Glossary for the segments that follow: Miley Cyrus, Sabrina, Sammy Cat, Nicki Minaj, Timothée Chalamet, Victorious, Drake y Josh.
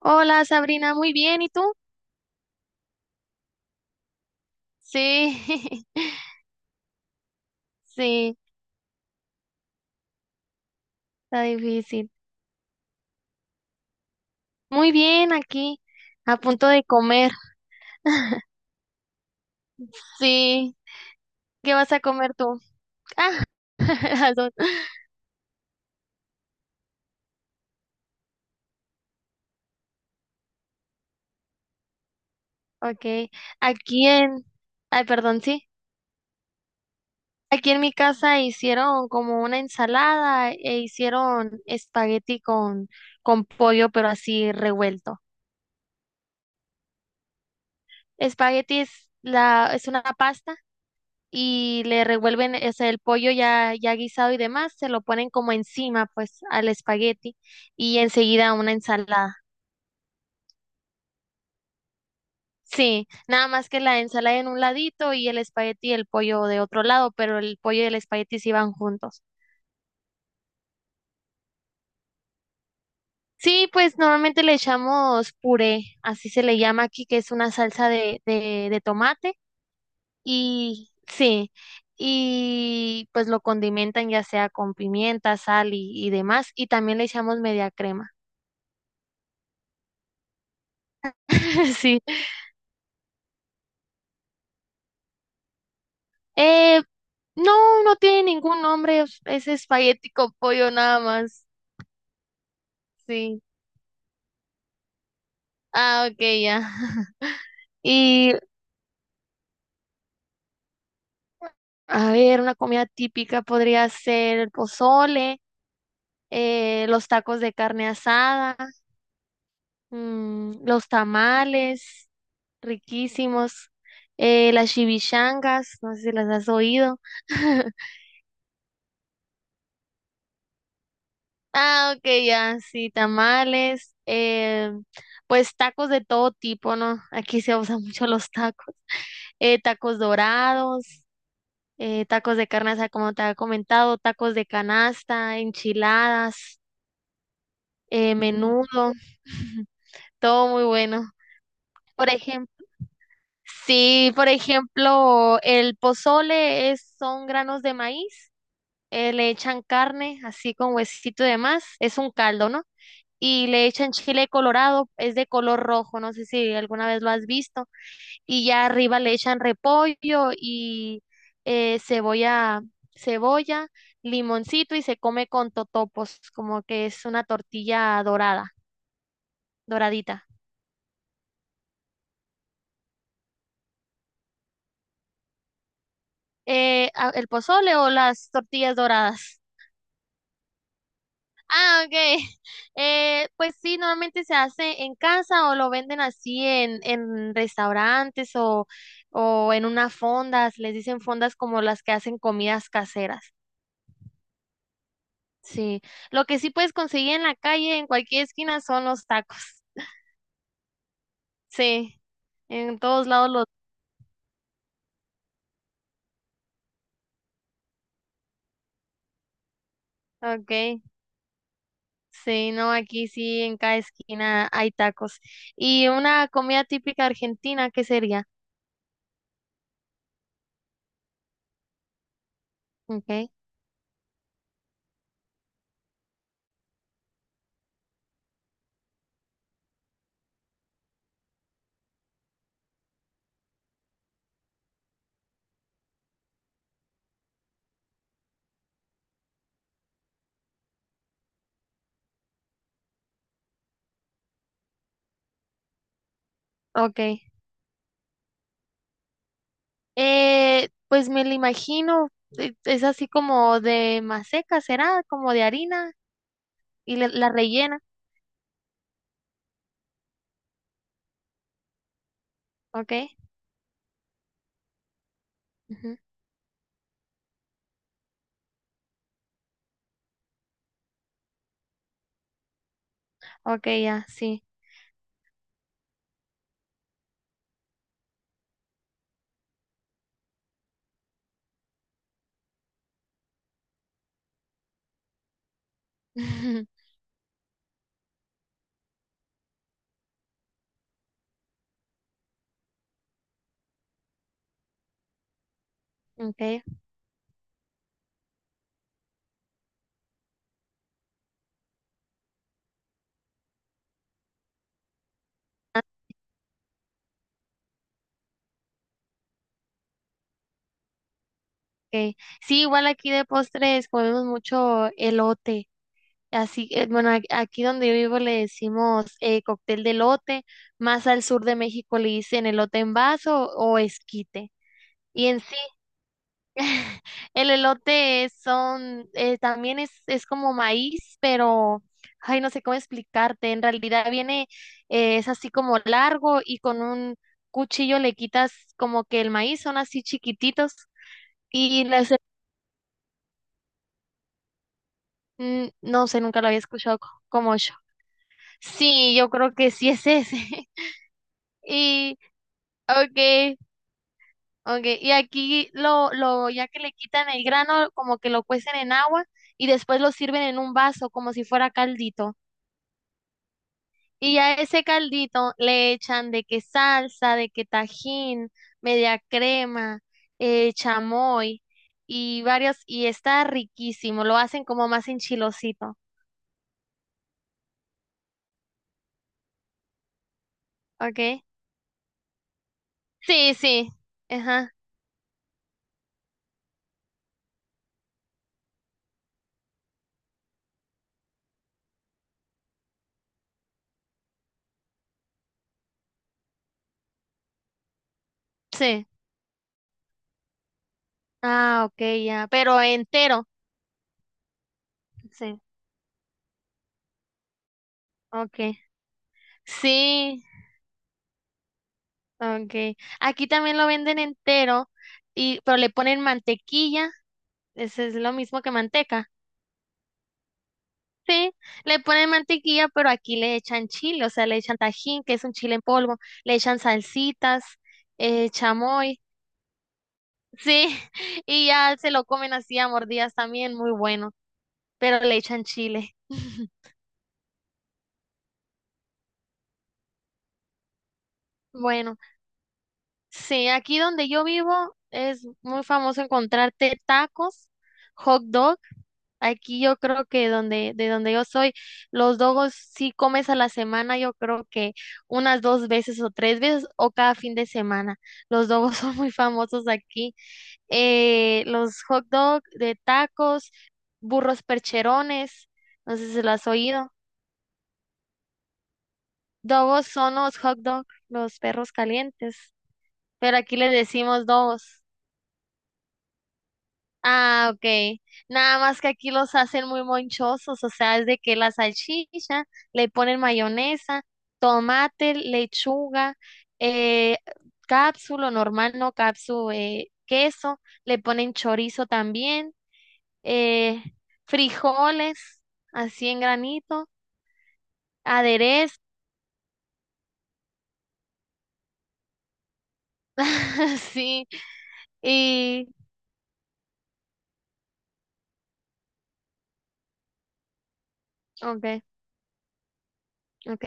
Hola, Sabrina, muy bien, ¿y tú? Sí, sí, está difícil. Muy bien, aquí, a punto de comer. Sí, ¿qué vas a comer tú? Ah, las dos. Ok, aquí en, ay, perdón, sí. Aquí en mi casa hicieron como una ensalada e hicieron espagueti con pollo, pero así revuelto. Espagueti es una pasta. Y le revuelven el pollo ya guisado y demás, se lo ponen como encima, pues, al espagueti y enseguida una ensalada. Sí, nada más que la ensalada en un ladito y el espagueti y el pollo de otro lado, pero el pollo y el espagueti sí van juntos. Sí, pues normalmente le echamos puré, así se le llama aquí, que es una salsa de tomate y sí, y pues lo condimentan ya sea con pimienta, sal y demás, y también le echamos media crema. Sí. Eh, no, no tiene ningún nombre. Es espagueti con pollo nada más. Sí. Ah, ok, ya. Y a ver, una comida típica podría ser el pozole, los tacos de carne asada, los tamales, riquísimos, las chivichangas no sé si las has oído. Ah, ok, ya, sí, tamales, pues tacos de todo tipo, ¿no? Aquí se usan mucho los tacos. Tacos dorados, tacos de carne asada, como te había comentado, tacos de canasta, enchiladas, menudo, todo muy bueno. Por ejemplo, sí, el pozole son granos de maíz, le echan carne, así con huesito y demás, es un caldo, ¿no? Y le echan chile colorado, es de color rojo, no sé si alguna vez lo has visto, y ya arriba le echan repollo y cebolla, cebolla, limoncito y se come con totopos, como que es una tortilla dorada, doradita. El pozole o las tortillas doradas. Ah, ok. Pues sí, normalmente se hace en casa o lo venden así en restaurantes o en unas fondas, les dicen fondas como las que hacen comidas caseras. Sí, lo que sí puedes conseguir en la calle, en cualquier esquina, son los tacos. Sí, en todos lados los... Ok, sí, no, aquí sí, en cada esquina hay tacos. Y una comida típica argentina, ¿qué sería? Ok, ok. Pues me lo imagino, es así como de maseca, ¿será? Como de harina y la rellena, ¿ok? Ujú. Ok, ya, sí. Ok. Ah, okay. Sí, igual aquí de postres comemos mucho elote. Así, bueno, aquí donde yo vivo le decimos cóctel de elote, más al sur de México le dicen elote en vaso o esquite. Y en El elote son, también es como maíz, pero, ay, no sé cómo explicarte. En realidad viene, es así como largo y con un cuchillo le quitas como que el maíz, son así chiquititos y no sé, nunca lo había escuchado como yo. Sí, yo creo que sí es ese. Y, okay, okay. Y aquí ya que le quitan el grano, como que lo cuecen en agua y después lo sirven en un vaso como si fuera caldito. Y a ese caldito le echan de que salsa, de que tajín, media crema, chamoy y varios, y está riquísimo, lo hacen como más enchilosito, ¿ok? Sí, sí, ajá, sí. Ah, ok, ya, pero entero, sí, ok. Sí, ok. Aquí también lo venden entero, pero le ponen mantequilla, ese es lo mismo que manteca. Sí, le ponen mantequilla, pero aquí le echan chile, o sea, le echan tajín, que es un chile en polvo, le echan salsitas, chamoy, sí, y ya se lo comen así a mordidas también, muy bueno, pero le echan chile. Bueno, sí, aquí donde yo vivo es muy famoso encontrarte tacos, hot dogs. Aquí yo creo que de donde yo soy, los dogos sí comes a la semana, yo creo que unas dos veces o tres veces o cada fin de semana. Los dogos son muy famosos aquí. Los hot dog de tacos, burros percherones, no sé si lo has oído. Dogos son los hot dog, los perros calientes, pero aquí les decimos dogos. Ah, ok. Nada más que aquí los hacen muy monchosos, o sea, es de que la salchicha, le ponen mayonesa, tomate, lechuga, eh, cápsulo normal, no cápsulo, queso, le ponen chorizo también, eh, frijoles, así en granito, aderezo, sí, y, ok, ok,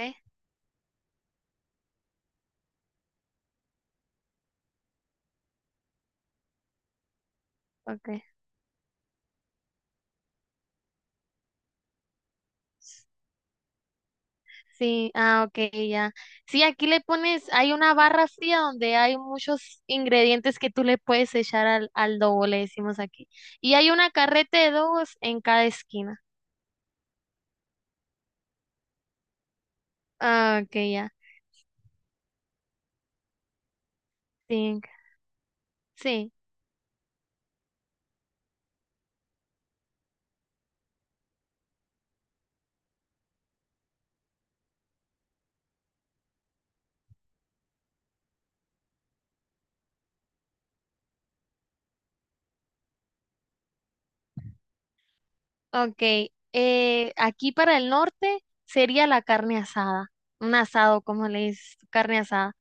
ok. Sí, ah, ok, ya. Sí, aquí le pones, hay una barra fría donde hay muchos ingredientes que tú le puedes echar al dogo, le decimos aquí. Y hay una carreta de dogos en cada esquina. Ah, ok, ya. Sí, sí, ok. Aquí para el norte sería la carne asada, un asado, como le dices, tú, carne asada.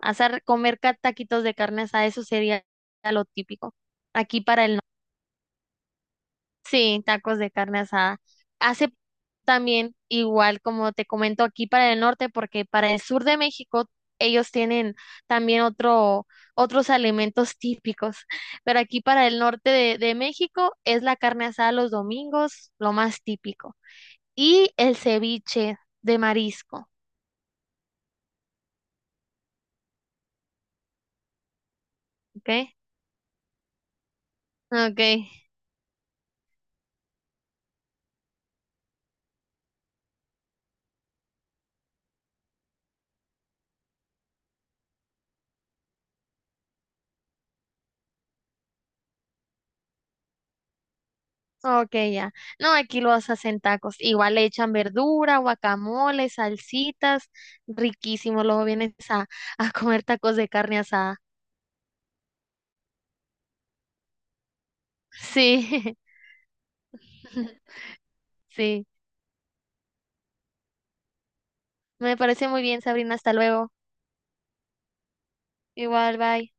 Asar, comer taquitos de carne asada, eso sería lo típico. Aquí para el norte. Sí, tacos de carne asada. Hace también igual como te comento aquí para el norte, porque para el sur de México ellos tienen también otros alimentos típicos, pero aquí para el norte de México es la carne asada los domingos, lo más típico. Y el ceviche de marisco, ¿ok? Ok. Ok, ya. No, aquí los hacen tacos. Igual le echan verdura, guacamole, salsitas. Riquísimo. Luego vienes a, a comer tacos de carne asada. Sí, sí. Me parece muy bien, Sabrina. Hasta luego. Igual, bye.